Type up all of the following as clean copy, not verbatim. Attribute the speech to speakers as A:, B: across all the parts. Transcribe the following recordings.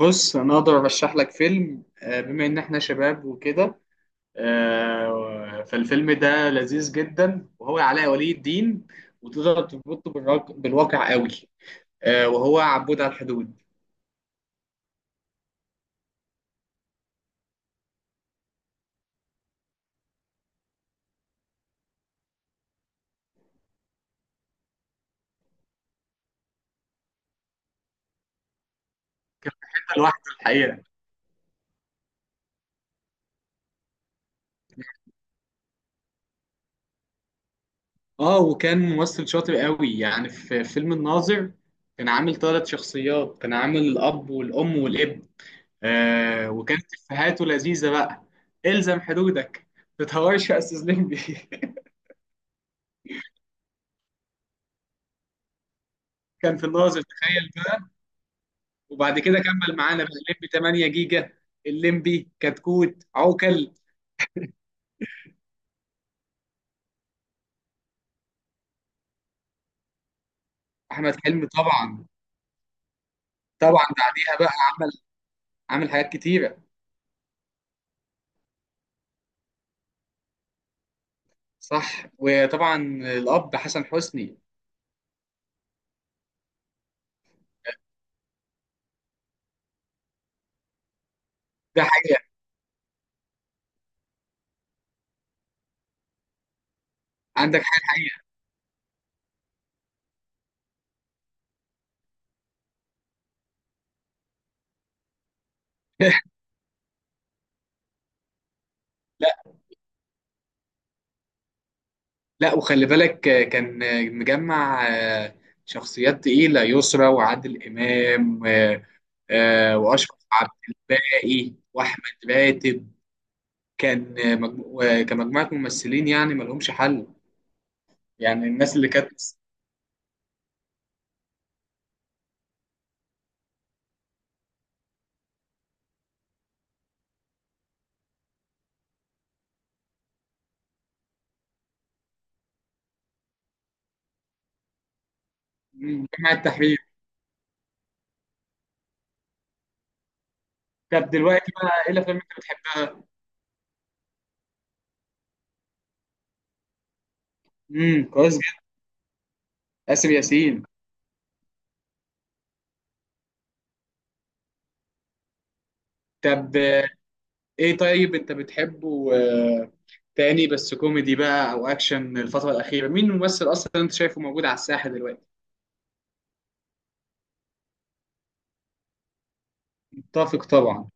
A: بص، انا اقدر ارشح لك فيلم، بما ان احنا شباب وكده. فالفيلم ده لذيذ جدا وهو علاء ولي الدين، وتقدر تربطه بالواقع قوي. وهو عبود على الحدود. لوحده الحقيقه. اه، وكان ممثل شاطر قوي يعني في فيلم الناظر. كان عامل ثلاث شخصيات، كان عامل الاب والام والابن. وكانت افهاته لذيذه بقى: الزم حدودك، ما تتهورش يا استاذ لمبي. كان في الناظر، تخيل. وبعد كده كمل معانا بقى الليمبي 8 جيجا، الليمبي كتكوت عوكل. احمد حلمي طبعا. طبعا بعديها بقى عمل حاجات كتيره. صح وطبعا الاب حسن حسني. ده حقيقه. عندك حاجه حقيقه. لا، لا، وخلي بالك، كان مجمع شخصيات تقيله: يسرا وعادل امام، واشرف عبد الباقي واحمد راتب. كان كمجموعه ممثلين يعني ما لهمش حل. يعني الناس اللي كانت، جماعة التحرير. طب دلوقتي بقى ايه الافلام اللي انت بتحبها؟ كويس جدا. آسر ياسين. طب ايه، طيب انت بتحبه تاني بس كوميدي بقى او اكشن؟ الفترة الأخيرة مين الممثل اصلا انت شايفه موجود على الساحة دلوقتي؟ متفق طبعا.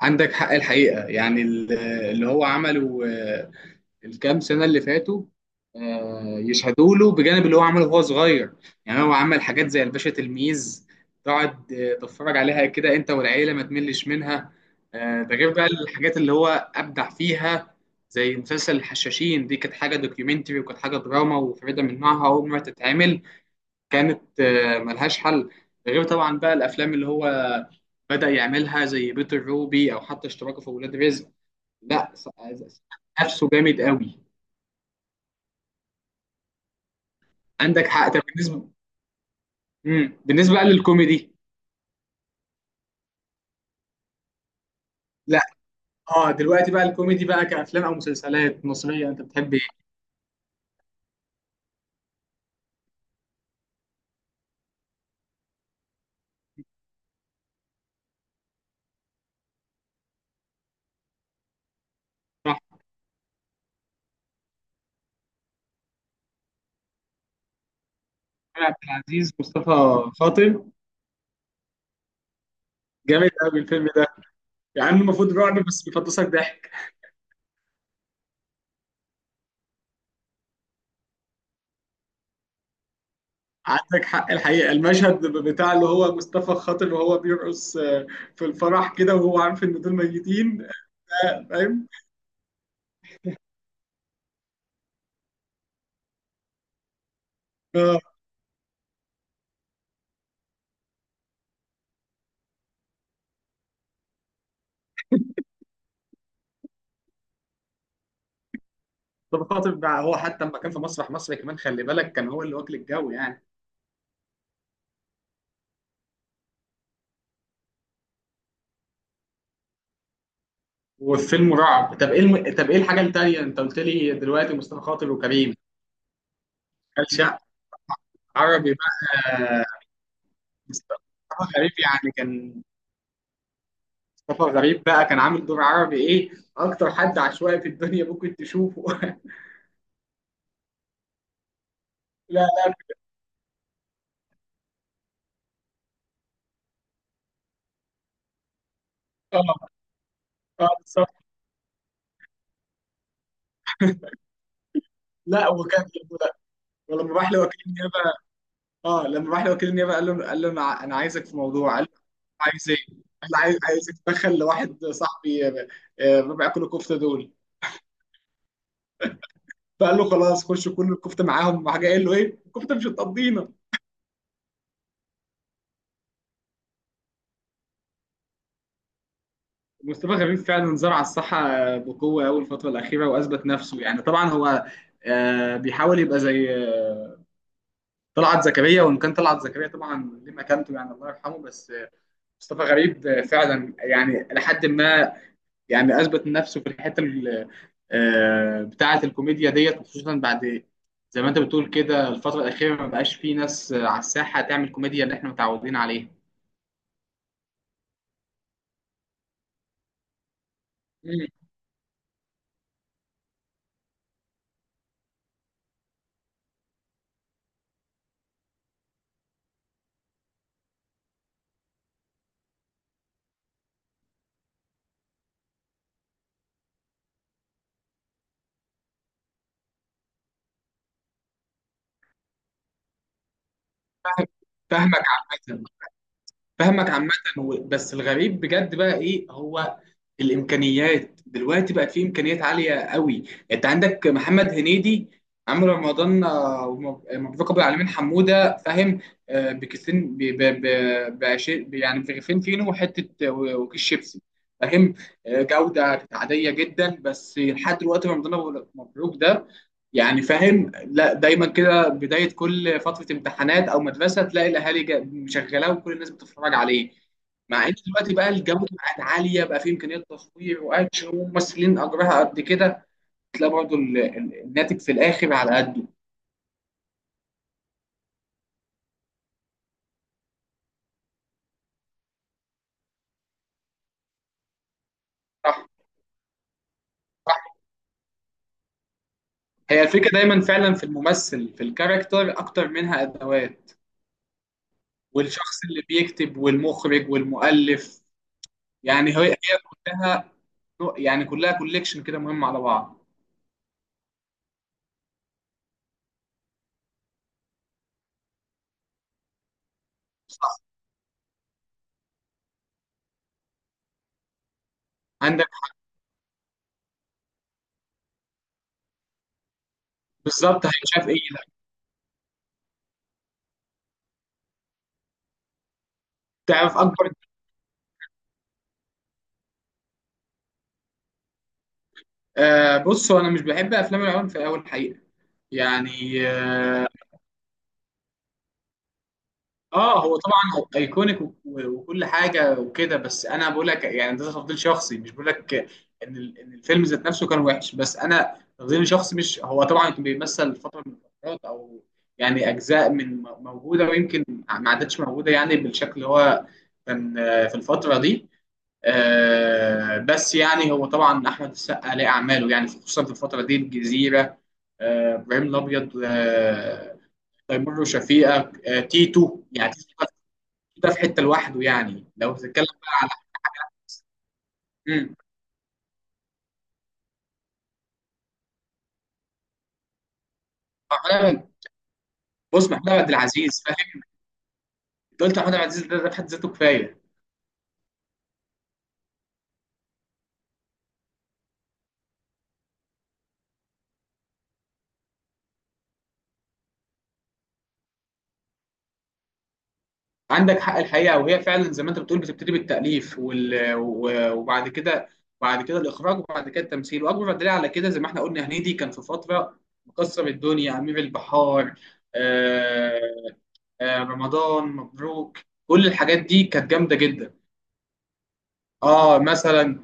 A: عندك حق الحقيقة، يعني اللي هو عمله الكام سنه اللي فاتوا يشهدوا له، بجانب اللي هو عمله وهو صغير. يعني هو عمل حاجات زي الباشا تلميذ، تقعد تتفرج عليها كده انت والعيله، ما تملش منها. ده غير بقى الحاجات اللي هو ابدع فيها، زي مسلسل الحشاشين. دي كانت حاجه دوكيومنتري وكانت حاجه دراما وفريده من نوعها، اول مره تتعمل. كانت ملهاش حل. ده غير طبعا بقى الافلام اللي هو بدأ يعملها، زي بيتر روبي او حتى اشتراكه في ولاد رزق. لا س- نفسه جامد قوي. عندك حق. طب بالنسبه بقى للكوميدي. لا. اه، دلوقتي بقى الكوميدي بقى كافلام او مسلسلات مصريه انت بتحب ايه؟ صح. محمود عبد العزيز، مصطفى خاطر. جامد قوي الفيلم ده، يعني المفروض رعب بس بيفطسك ضحك. عندك حق الحقيقه، المشهد بتاع اللي هو مصطفى خاطر وهو بيرقص في الفرح كده وهو عارف ان دول ميتين، فاهم؟ اه. مصطفى خاطر بقى هو حتى لما كان في مسرح مصر كمان، خلي بالك كان هو اللي واكل الجو يعني. والفيلم رعب. طب ايه طب ايه الحاجه التانيه انت قلت لي دلوقتي، مصطفى خاطر وكريم؟ قال شق. عربي بقى. مصطفى غريب يعني، كان مصطفى غريب بقى كان عامل دور عربي ايه! اكتر حد عشوائي في الدنيا ممكن تشوفه. لا. اه، اه، بالظبط. لا وكان. ولما راح لوكيل النيابه اه لما راح لوكيل النيابه قال له، انا عايزك في موضوع. قال له عايز ايه؟ قال له عايز، اتدخل لواحد صاحبي، ربع كيلو كفته دول. فقال له خلاص خش كل الكفته معاهم، راح جاي قال له ايه الكفته مش هتقضينا. مصطفى غريب فعلا زرع الصحه بقوه قوي الفتره الاخيره واثبت نفسه. يعني طبعا هو بيحاول يبقى زي طلعت زكريا، وان كان طلعت زكريا طبعا ليه مكانته، يعني الله يرحمه. بس مصطفى غريب فعلا يعني لحد ما، يعني اثبت نفسه في الحته بتاعه الكوميديا ديت، وخصوصا بعد، زي ما انت بتقول كده، الفتره الاخيره ما بقاش فيه ناس على الساحه تعمل كوميديا اللي احنا متعودين عليها. فاهمك عامة فاهمك عامة. بس الغريب بجد بقى ايه، هو الامكانيات دلوقتي بقت في، امكانيات عالية قوي. انت عندك محمد هنيدي، عمرو رمضان، آه، ومب- مبروك ابو العالمين حمودة، فاهم؟ بكيسين، يعني برغيفين فينو وحتة وكيس شيبسي، فاهم؟ جودة كانت عادية جدا. بس لحد دلوقتي مبروك ده، يعني، فاهم؟ لا دايما كده، بداية كل فترة امتحانات أو مدرسة تلاقي الأهالي مشغلاه وكل الناس بتتفرج عليه. مع إن دلوقتي بقى الجودة بقت عالية، بقى فيه إمكانيات تصوير وأكشن وممثلين أجرها قد كده، تلاقي برضه الناتج في الآخر على قده. صح. صح. هي الفكرة دايما فعلا في الممثل، في الكاركتر، أكتر منها أدوات، والشخص اللي بيكتب والمخرج والمؤلف. يعني هي هي كلها، يعني كلها كوليكشن كده مهم على بعض. عندك. بالظبط هيتشاف إيه. تعرف اكبر... بص، هو انا مش بحب افلام العنف في اول حقيقه، يعني اه. هو طبعا ايكونيك وكل حاجه وكده، بس انا بقول لك يعني ده تفضيل شخصي، مش بقول لك ان إن الفيلم ذات نفسه كان وحش، بس انا تفضيل شخصي. مش هو طبعا كان بيمثل فتره من الفترات او يعني اجزاء موجوده، ويمكن ما عادتش موجوده يعني بالشكل اللي هو كان في الفتره دي. بس يعني هو طبعا احمد السقا ليه اعماله، يعني خصوصا في الفتره دي: الجزيره، ابراهيم الابيض، تيمور وشفيقه، تيتو. يعني تيتو ده، ده في حته لوحده يعني، لو بتتكلم بقى على... مم. محمود عبد- بص، محمود عبد العزيز، فاهم. قلت محمود عبد العزيز ده، في حد ذاته كفايه. عندك حق الحقيقة. وهي فعلا زي ما انت بتقول، بتبتدي بالتأليف وبعد كده، بعد كده الإخراج، وبعد كده التمثيل. وأكبر دليل على كده زي ما احنا قلنا، هنيدي كان في فترة مكسر الدنيا: أمير البحار، آه... رمضان مبروك. كل الحاجات دي كانت جامدة جدا. اه مثلا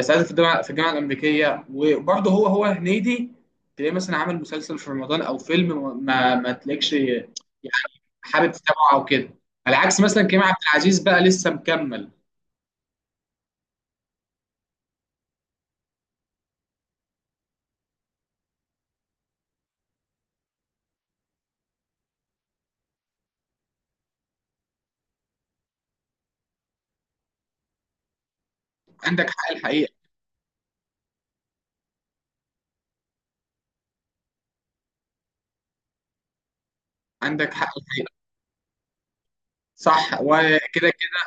A: سعيد في الجامعه، الامريكيه، وبرضه هو هو هنيدي، تلاقيه مثلا عامل مسلسل في رمضان او فيلم ما ما تلاقيش يعني حابب تتابعه او كده. على عكس مثلا كريم عبد العزيز بقى، لسه مكمل. عندك حق الحقيقه عندك حق الحقيقه. صح. وكده كده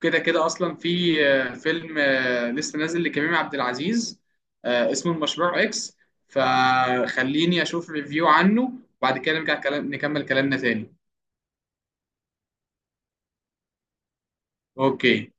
A: كده كده اصلا في فيلم لسه نازل لكريم عبد العزيز، اسمه المشروع اكس، فخليني اشوف ريفيو عنه. وبعد كده نرجع كلام نكمل كلامنا تاني. اوكي.